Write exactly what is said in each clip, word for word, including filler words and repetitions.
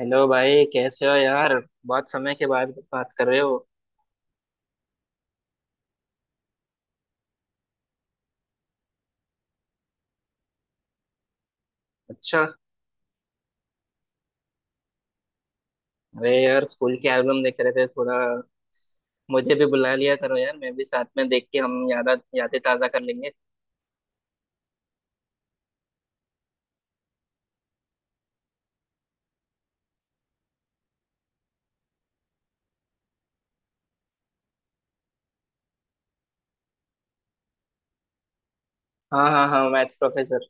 Hello भाई कैसे हो यार। बहुत समय के बाद बात कर रहे हो। अच्छा। अरे यार स्कूल के एल्बम देख रहे थे थोड़ा। मुझे भी बुला लिया करो यार मैं भी साथ में देख के हम याद यादें ताजा कर लेंगे। हाँ हाँ हाँ मैथ्स प्रोफेसर।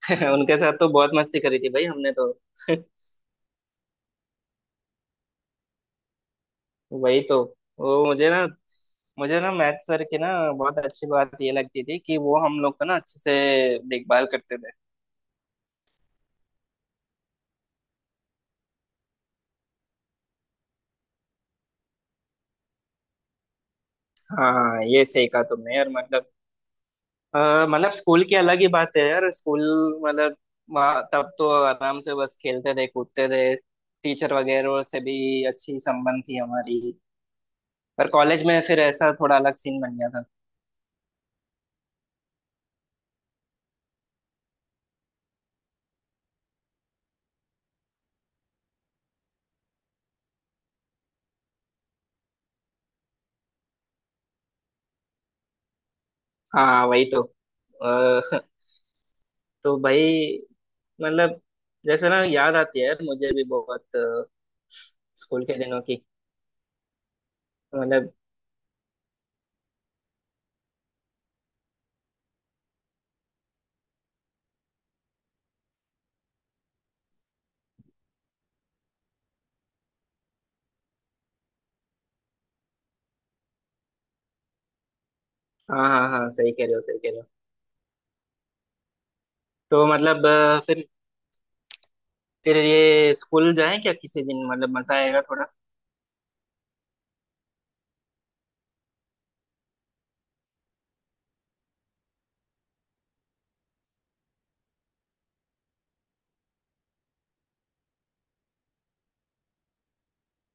उनके साथ तो बहुत मस्ती करी थी भाई हमने तो। वही तो। वो मुझे ना मुझे ना मैथ सर की ना बहुत अच्छी बात ये लगती थी कि वो हम लोग का ना अच्छे से देखभाल करते थे। हाँ हाँ ये सही कहा तुमने यार मतलब। अ, मतलब स्कूल की अलग ही बात है यार स्कूल। मतलब वहाँ तब तो आराम से बस खेलते थे कूदते थे। टीचर वगैरह से भी अच्छी संबंध थी हमारी। पर कॉलेज में फिर ऐसा थोड़ा अलग सीन बन गया था। हाँ वही तो अ, तो भाई मतलब जैसे ना याद आती है यार मुझे भी बहुत अ, स्कूल के दिनों की। मतलब। हाँ हाँ हाँ सही कह रहे हो सही कह रहे हो। तो मतलब अ, फिर फिर ये स्कूल जाएं क्या किसी दिन मतलब मजा आएगा थोड़ा।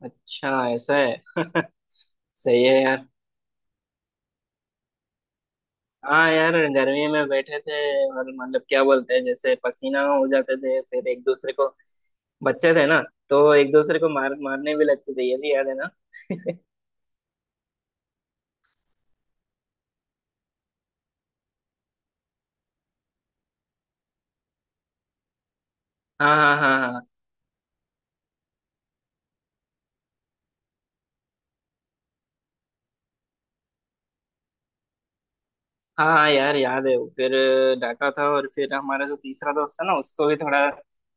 अच्छा ऐसा है। सही है यार। हाँ यार गर्मी में बैठे थे। और मतलब क्या बोलते हैं जैसे पसीना हो जाते थे फिर एक दूसरे को। बच्चे थे ना। तो एक दूसरे को मार मारने भी लगते थे ये भी याद है ना। हाँ हाँ हाँ हाँ। हाँ हाँ यार याद है वो। फिर डांटा था और फिर हमारा जो तीसरा दोस्त था ना उसको भी थोड़ा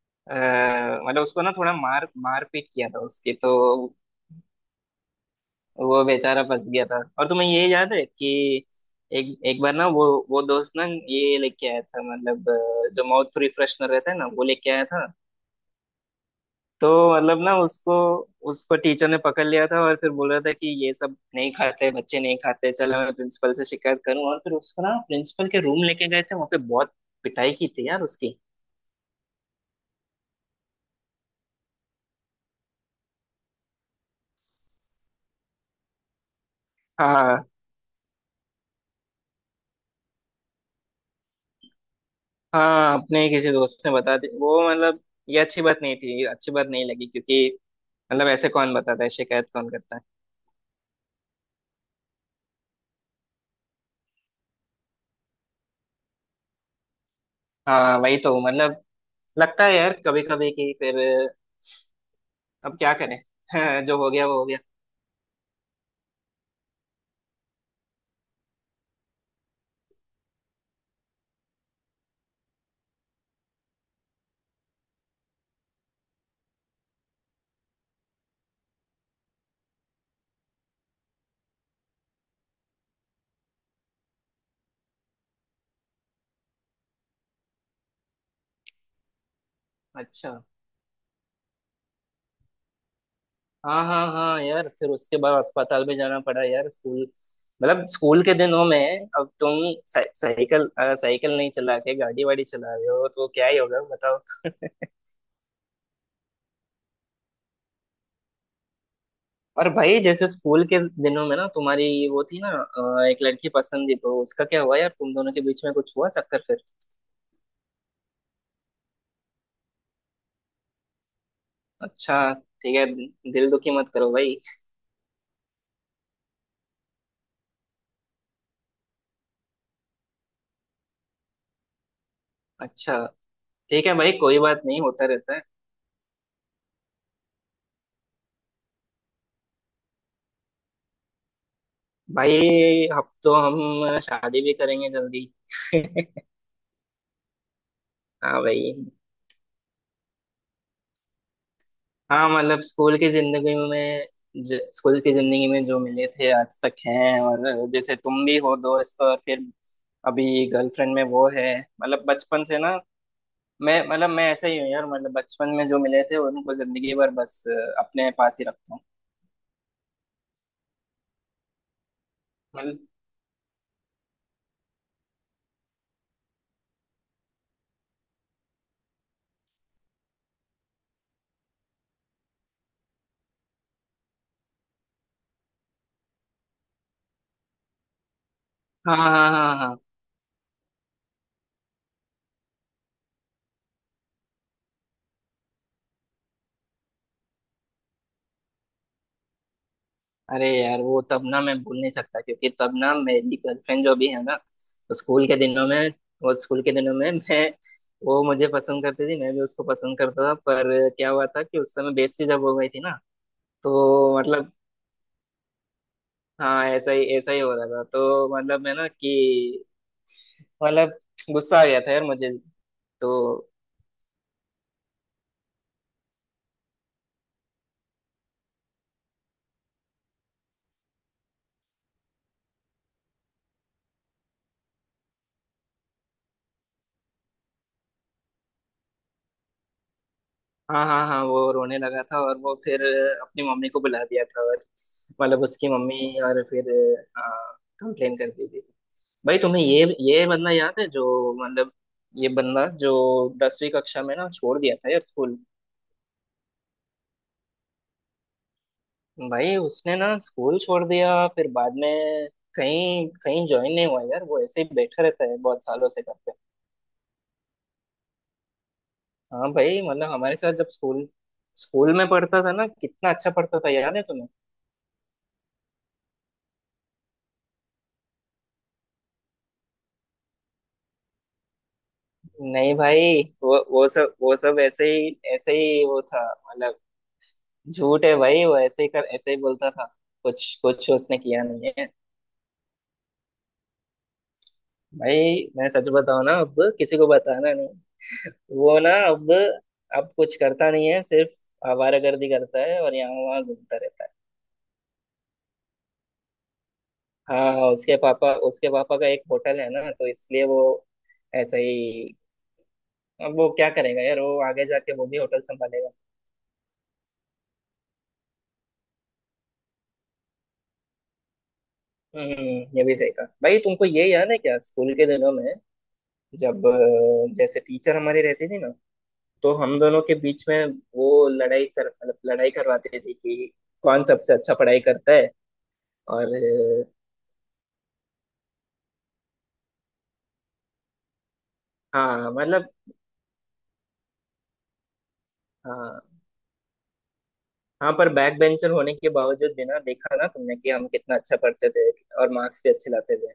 अ, मतलब उसको ना थोड़ा मार मार पीट किया था उसकी तो। वो बेचारा फंस गया था। और तुम्हें ये याद है कि एक एक बार ना वो वो दोस्त ना ये लेके आया था मतलब अ, जो माउथ रिफ्रेशनर रहता है ना वो लेके आया था। तो मतलब ना उसको उसको टीचर ने पकड़ लिया था और फिर बोल रहा था कि ये सब नहीं खाते बच्चे नहीं खाते चलो मैं प्रिंसिपल से शिकायत करूं। और फिर उसको ना प्रिंसिपल के रूम लेके गए थे वहां पे बहुत पिटाई की थी यार उसकी। हाँ हाँ अपने किसी दोस्त ने बता दी वो मतलब ये अच्छी बात नहीं थी अच्छी बात नहीं लगी क्योंकि मतलब ऐसे कौन बताता है शिकायत कौन करता है। हाँ वही तो मतलब लगता है यार कभी कभी कि फिर अब क्या करें। जो हो गया वो हो गया। अच्छा। हाँ हाँ हाँ यार फिर उसके बाद अस्पताल भी जाना पड़ा यार स्कूल। मतलब स्कूल के दिनों में अब तुम साइ- साइकिल अ, साइकिल नहीं चला के गाड़ी वाड़ी चला रहे हो तो क्या ही होगा बताओ। और भाई जैसे स्कूल के दिनों में ना तुम्हारी वो थी ना अ, एक लड़की पसंद थी तो उसका क्या हुआ यार तुम दोनों के बीच में कुछ हुआ चक्कर फिर। अच्छा ठीक है। दिल दुखी मत करो भाई। अच्छा ठीक है भाई कोई बात नहीं होता रहता है। भाई अब तो हम शादी भी करेंगे जल्दी। हाँ भाई। हाँ मतलब स्कूल की जिंदगी में ज, स्कूल की जिंदगी में जो मिले थे आज तक हैं और जैसे तुम भी हो दोस्त और फिर अभी गर्लफ्रेंड में वो है। मतलब बचपन से ना मैं मतलब मैं ऐसा ही हूँ यार मतलब बचपन में जो मिले थे उनको जिंदगी भर बस अपने पास ही रखता हूँ। मतलब। हाँ हाँ हाँ हाँ। अरे यार वो तब ना मैं भूल नहीं सकता क्योंकि तब ना मेरी गर्लफ्रेंड जो भी है ना। तो स्कूल के दिनों में वो स्कूल के दिनों में मैं वो मुझे पसंद करती थी मैं भी उसको पसंद करता था पर क्या हुआ था कि उस समय बेइज्जती जब हो गई थी ना। तो मतलब। हाँ ऐसा ही ऐसा ही हो रहा था तो मतलब मैं ना कि मतलब गुस्सा आ गया था यार मुझे। तो। हाँ हाँ हाँ वो रोने लगा था और वो फिर अपनी मम्मी को बुला दिया था और मतलब उसकी मम्मी और फिर कंप्लेन कर दी थी। भाई तुम्हें ये ये बंदा याद है जो मतलब ये बंदा जो दसवीं कक्षा में ना छोड़ दिया था यार स्कूल। भाई उसने ना स्कूल छोड़ दिया फिर बाद में कहीं कहीं ज्वाइन नहीं हुआ यार वो ऐसे ही बैठा रहता है बहुत सालों से घर पे। हाँ भाई मतलब हमारे साथ जब स्कूल स्कूल में पढ़ता था ना कितना अच्छा पढ़ता था याद है तुम्हें। नहीं भाई वो वो सब वो सब ऐसे ही ऐसे ही वो था। मतलब झूठ है भाई वो ऐसे ही कर ऐसे ही बोलता था कुछ कुछ उसने किया नहीं है। भाई मैं सच बताऊं ना अब किसी को बताना नहीं। वो ना अब अब कुछ करता नहीं है सिर्फ आवारागर्दी करता है और यहाँ वहाँ घूमता रहता है। हाँ हाँ, उसके पापा उसके पापा का एक होटल है ना तो इसलिए वो ऐसा ही। अब वो क्या करेगा यार वो आगे जाके वो भी होटल संभालेगा। हम्म ये भी सही कहा भाई। तुमको ये याद है क्या स्कूल के दिनों में जब अ, जैसे टीचर हमारे रहते थे ना तो हम दोनों के बीच में वो लड़ाई कर मतलब लड़ाई करवाते थे कि कौन सबसे अच्छा पढ़ाई करता है। और अ, हाँ मतलब। हाँ हाँ पर बैक बेंचर होने के बावजूद भी ना देखा ना तुमने कि हम कितना अच्छा पढ़ते थे और मार्क्स भी अच्छे लाते थे।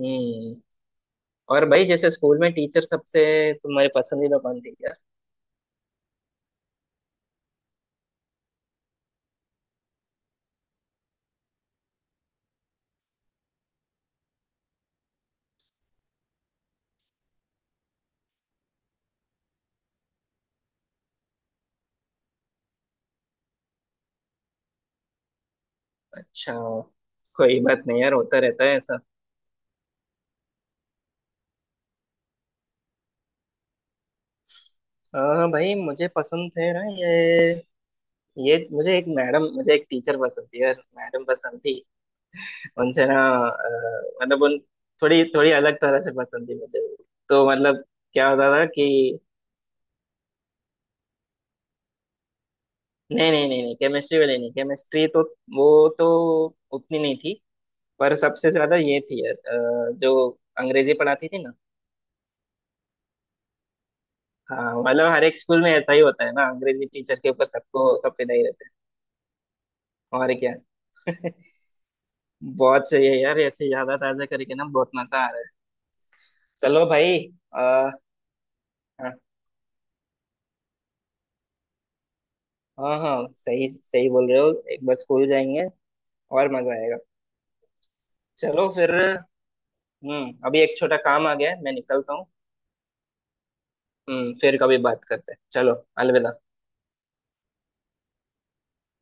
हम्म। और भाई जैसे स्कूल में टीचर सबसे तुम्हारे पसंदीदा कौन थी यार। अच्छा कोई बात नहीं यार होता रहता है ऐसा। हाँ भाई मुझे पसंद थे ना ये। ये मुझे एक मैडम मुझे एक टीचर पसंद थी यार मैडम पसंद थी। उनसे ना अ, मतलब उन थोड़ी थोड़ी अलग तरह से पसंद थी मुझे। तो मतलब क्या होता था कि नहीं नहीं नहीं नहीं केमिस्ट्री वाली नहीं। केमिस्ट्री तो वो तो उतनी नहीं थी। पर सबसे ज्यादा ये थी यार अ, जो अंग्रेजी पढ़ाती थी ना। हाँ मतलब हर एक स्कूल में ऐसा ही होता है ना अंग्रेजी टीचर के ऊपर सबको सब फिदा ही रहते हैं और क्या। बहुत सही है यार ऐसे यादा ताजा करके ना बहुत मजा आ रहा है। चलो भाई। आ, हाँ हाँ सही सही बोल रहे हो एक बार स्कूल जाएंगे और मजा आएगा। चलो फिर। हम्म अभी एक छोटा काम आ गया है मैं निकलता हूँ। हम्म फिर कभी बात करते हैं चलो। अलविदा।